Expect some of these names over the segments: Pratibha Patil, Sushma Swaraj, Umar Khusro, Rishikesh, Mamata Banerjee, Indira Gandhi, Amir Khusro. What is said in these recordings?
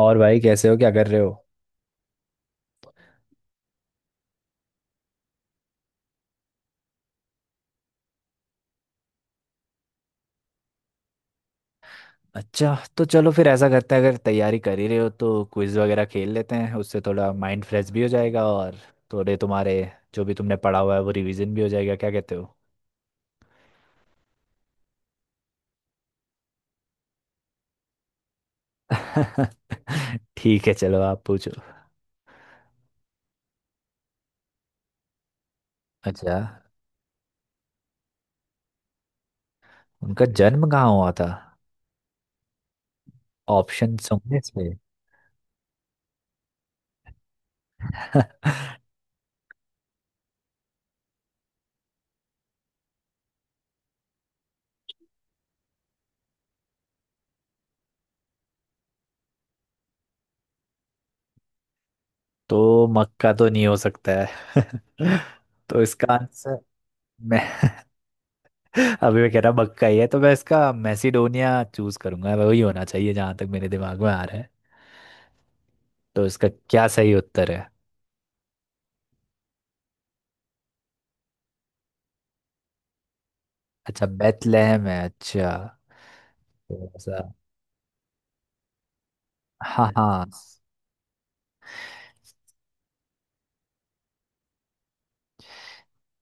और भाई, कैसे हो? क्या कर रहे हो? अच्छा, तो चलो फिर ऐसा करते हैं। अगर तैयारी कर ही रहे हो तो क्विज वगैरह खेल लेते हैं, उससे थोड़ा माइंड फ्रेश भी हो जाएगा और थोड़े तुम्हारे जो भी तुमने पढ़ा हुआ है वो रिवीजन भी हो जाएगा। क्या कहते हो? ठीक है, चलो आप पूछो। अच्छा। उनका जन्म कहाँ हुआ था? ऑप्शन होंगे इसमें? तो मक्का तो नहीं हो सकता है। तो इसका आंसर मैं, अभी मैं कह रहा बक्का ही है, तो मैं इसका मैसिडोनिया चूज करूंगा, वही होना चाहिए जहां तक मेरे दिमाग में आ रहा है। तो इसका क्या सही उत्तर है? अच्छा, बेथलेहम है, अच्छा। थोड़ा सा। हाँ हाँ।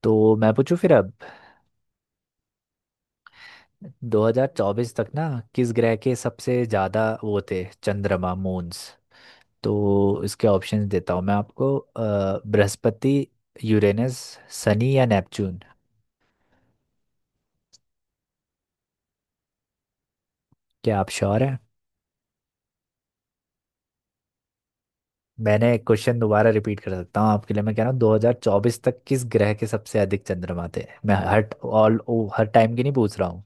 तो मैं पूछूं फिर अब। 2024 तक ना, किस ग्रह के सबसे ज्यादा वो थे, चंद्रमा, मून्स? तो इसके ऑप्शंस देता हूँ मैं आपको बृहस्पति, यूरेनस, शनि या नेपच्यून। क्या आप श्योर हैं? मैंने एक क्वेश्चन दोबारा रिपीट कर सकता हूँ आपके लिए। मैं कह रहा हूँ 2024 तक किस ग्रह के सबसे अधिक चंद्रमा थे। मैं हर टाइम की नहीं पूछ रहा हूँ।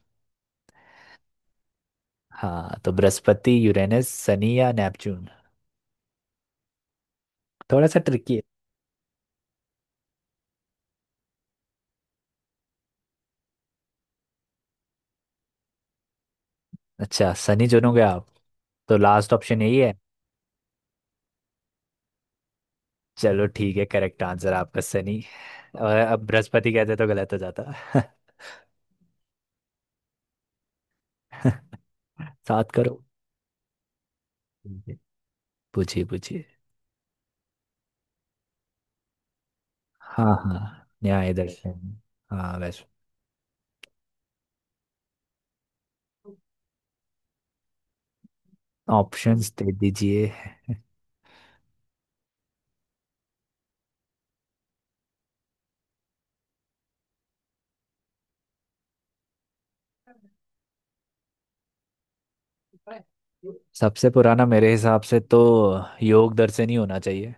हाँ, तो बृहस्पति, यूरेनस, शनि या नेपच्यून? थोड़ा सा ट्रिकी है। अच्छा, शनि चुनोगे आप? तो लास्ट ऑप्शन यही है। चलो ठीक है, करेक्ट आंसर आपका, शनि। और अब बृहस्पति कहते तो गलत हो जाता। सात करो। ठीक है, पूछिए पूछिए। हाँ हाँ, न्याय दर्शन। हाँ, वैसे। ऑप्शंस दे दीजिए। सबसे पुराना मेरे हिसाब से तो योग दर्शन ही होना चाहिए।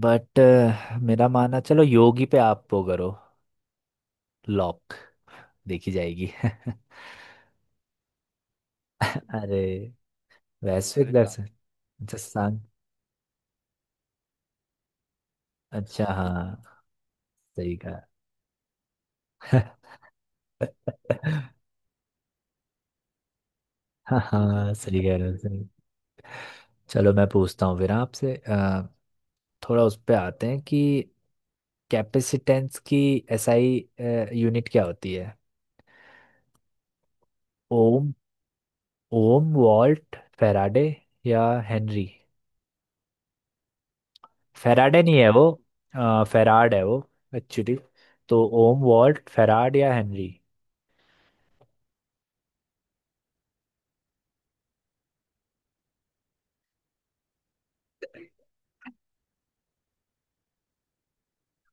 बट मेरा मानना, चलो योगी पे आप वो करो। लॉक। देखी जाएगी। अरे, वैश्विक, अरे का दर्शन। अच्छा सांग, अच्छा। हाँ, सही कहा। हाँ हाँ, सही कह रहे हो, सही। चलो मैं पूछता हूँ फिर आपसे, थोड़ा उस पे आते हैं कि कैपेसिटेंस की एसआई यूनिट क्या होती है, ओम? ओम, वॉल्ट, फेराडे या हेनरी? फेराडे नहीं है वो, फेराड है वो एक्चुअली। तो ओम, वॉल्ट, फेराड या हेनरी?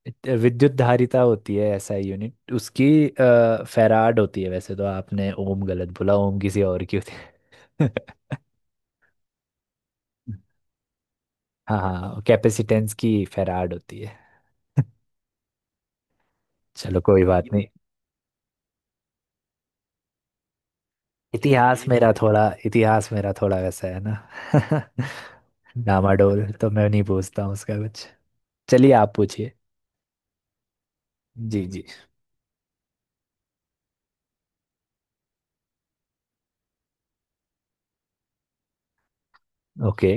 विद्युत धारिता होती है, ऐसा यूनिट उसकी फेराड होती है वैसे। तो आपने ओम गलत बोला, ओम किसी और की होती है। हाँ हाँ, कैपेसिटेंस की फेराड होती है। चलो कोई बात नहीं। इतिहास मेरा थोड़ा वैसा है ना। डामाडोल तो मैं नहीं पूछता हूँ उसका कुछ। चलिए आप पूछिए। जी जी। ओके।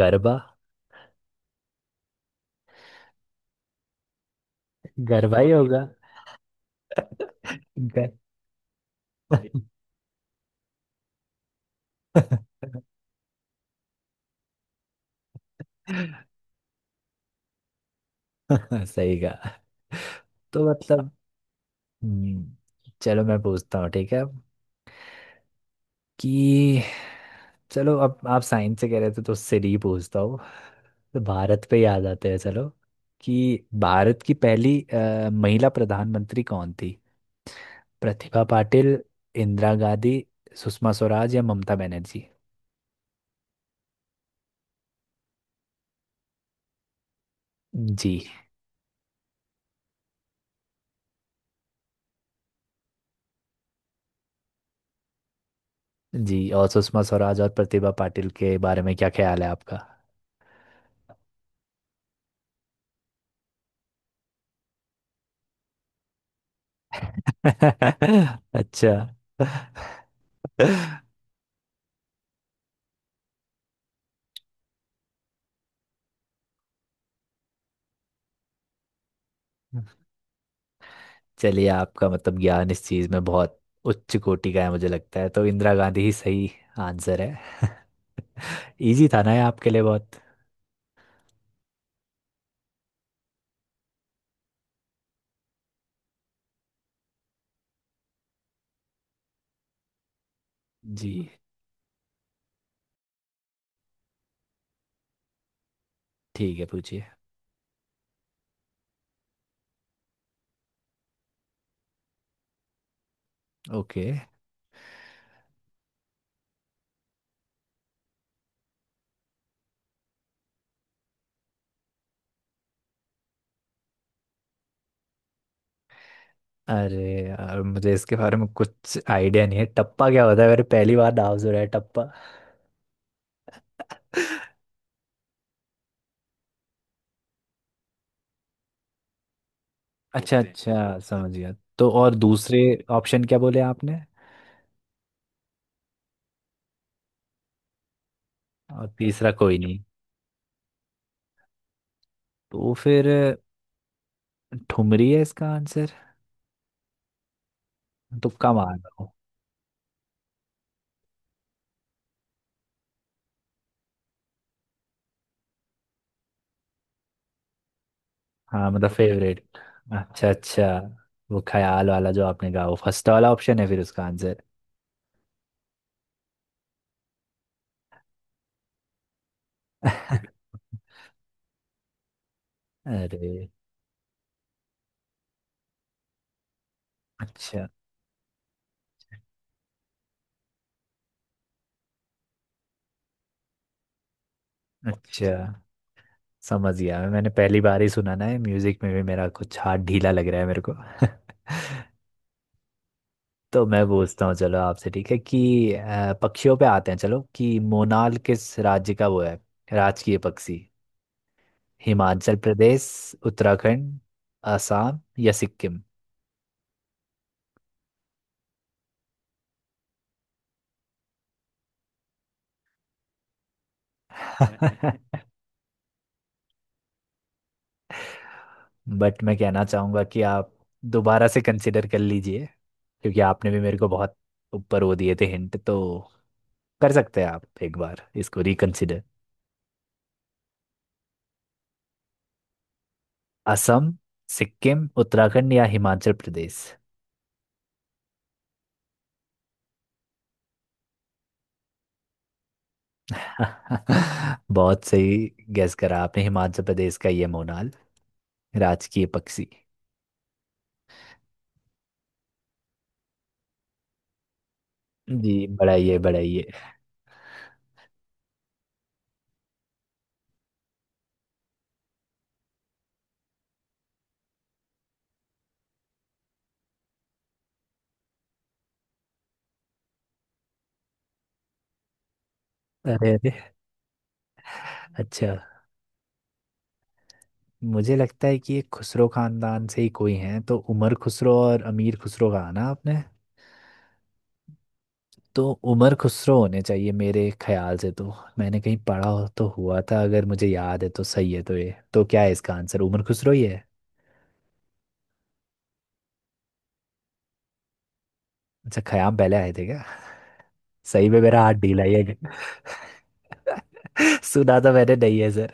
गरबा। गरबा ही होगा। गर... सही कहा। तो मतलब। हम्म। चलो मैं पूछता हूँ, ठीक है अब, कि, चलो अब आप साइंस से कह रहे थे तो उससे नहीं पूछता हूँ। तो भारत पे याद आते हैं, चलो, कि भारत की पहली महिला प्रधानमंत्री कौन थी? प्रतिभा पाटिल, इंदिरा गांधी, सुषमा स्वराज या ममता बनर्जी? जी। जी, और सुषमा स्वराज और प्रतिभा पाटिल के बारे में क्या ख्याल है आपका? अच्छा। चलिए, आपका मतलब ज्ञान इस चीज में बहुत उच्च कोटि का है मुझे लगता है, तो इंदिरा गांधी ही सही आंसर है। इजी था ना ये आपके लिए बहुत। जी। ठीक है, पूछिए। ओके। अरे यार, मुझे इसके बारे में कुछ आइडिया नहीं है। टप्पा क्या होता है? मेरे पहली बार नाम सुना है टप्पा। अच्छा अच्छा, समझ गया। तो और दूसरे ऑप्शन क्या बोले आपने? और तीसरा कोई नहीं? तो फिर ठुमरी है इसका आंसर। तुक्का मार रहा हूँ। हाँ, मतलब फेवरेट। अच्छा अच्छा। वो ख्याल वाला जो आपने कहा वो फर्स्ट वाला ऑप्शन है फिर उसका आंसर? अरे। अच्छा। अच्छा समझ गया मैं। मैंने पहली बार ही सुना ना है। म्यूजिक में भी मेरा कुछ हाथ ढीला लग रहा है मेरे को। तो मैं पूछता हूँ चलो आपसे, ठीक है, कि पक्षियों पे आते हैं, चलो, कि मोनाल किस राज्य का वो है राजकीय पक्षी? हिमाचल प्रदेश, उत्तराखंड, असम या सिक्किम? बट मैं कहना चाहूँगा कि आप दोबारा से कंसिडर कर लीजिए, क्योंकि आपने भी मेरे को बहुत ऊपर वो दिए थे हिंट। तो कर सकते हैं आप एक बार इसको रिकंसिडर? असम, सिक्किम, उत्तराखंड या हिमाचल प्रदेश? बहुत सही, गैस करा आपने। हिमाचल प्रदेश का ये मोनाल राजकीय पक्षी। जी, बढ़ाइए बढ़ाइए। अरे अरे। अच्छा। मुझे लगता है कि ये खुसरो खानदान से ही कोई हैं, तो उमर खुसरो और अमीर खुसरो कहा ना आपने? तो उमर खुसरो होने चाहिए मेरे ख्याल से। तो मैंने कहीं पढ़ा हो तो हुआ था, अगर मुझे याद है तो सही है। तो ये तो क्या है, इसका आंसर उमर खुसरो ही है। अच्छा, खयाम पहले आए थे क्या? सही में मेरा हाथ ढीला ही है। सुना तो मैंने नहीं है सर।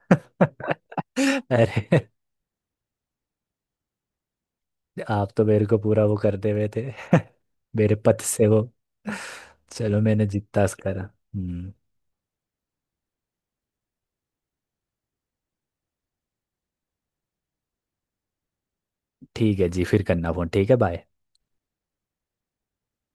अरे। आप तो मेरे को पूरा वो कर दे हुए थे। मेरे पथ से वो। चलो, मैंने जितना करा। हम्म। ठीक है जी, फिर करना फोन। ठीक है, बाय।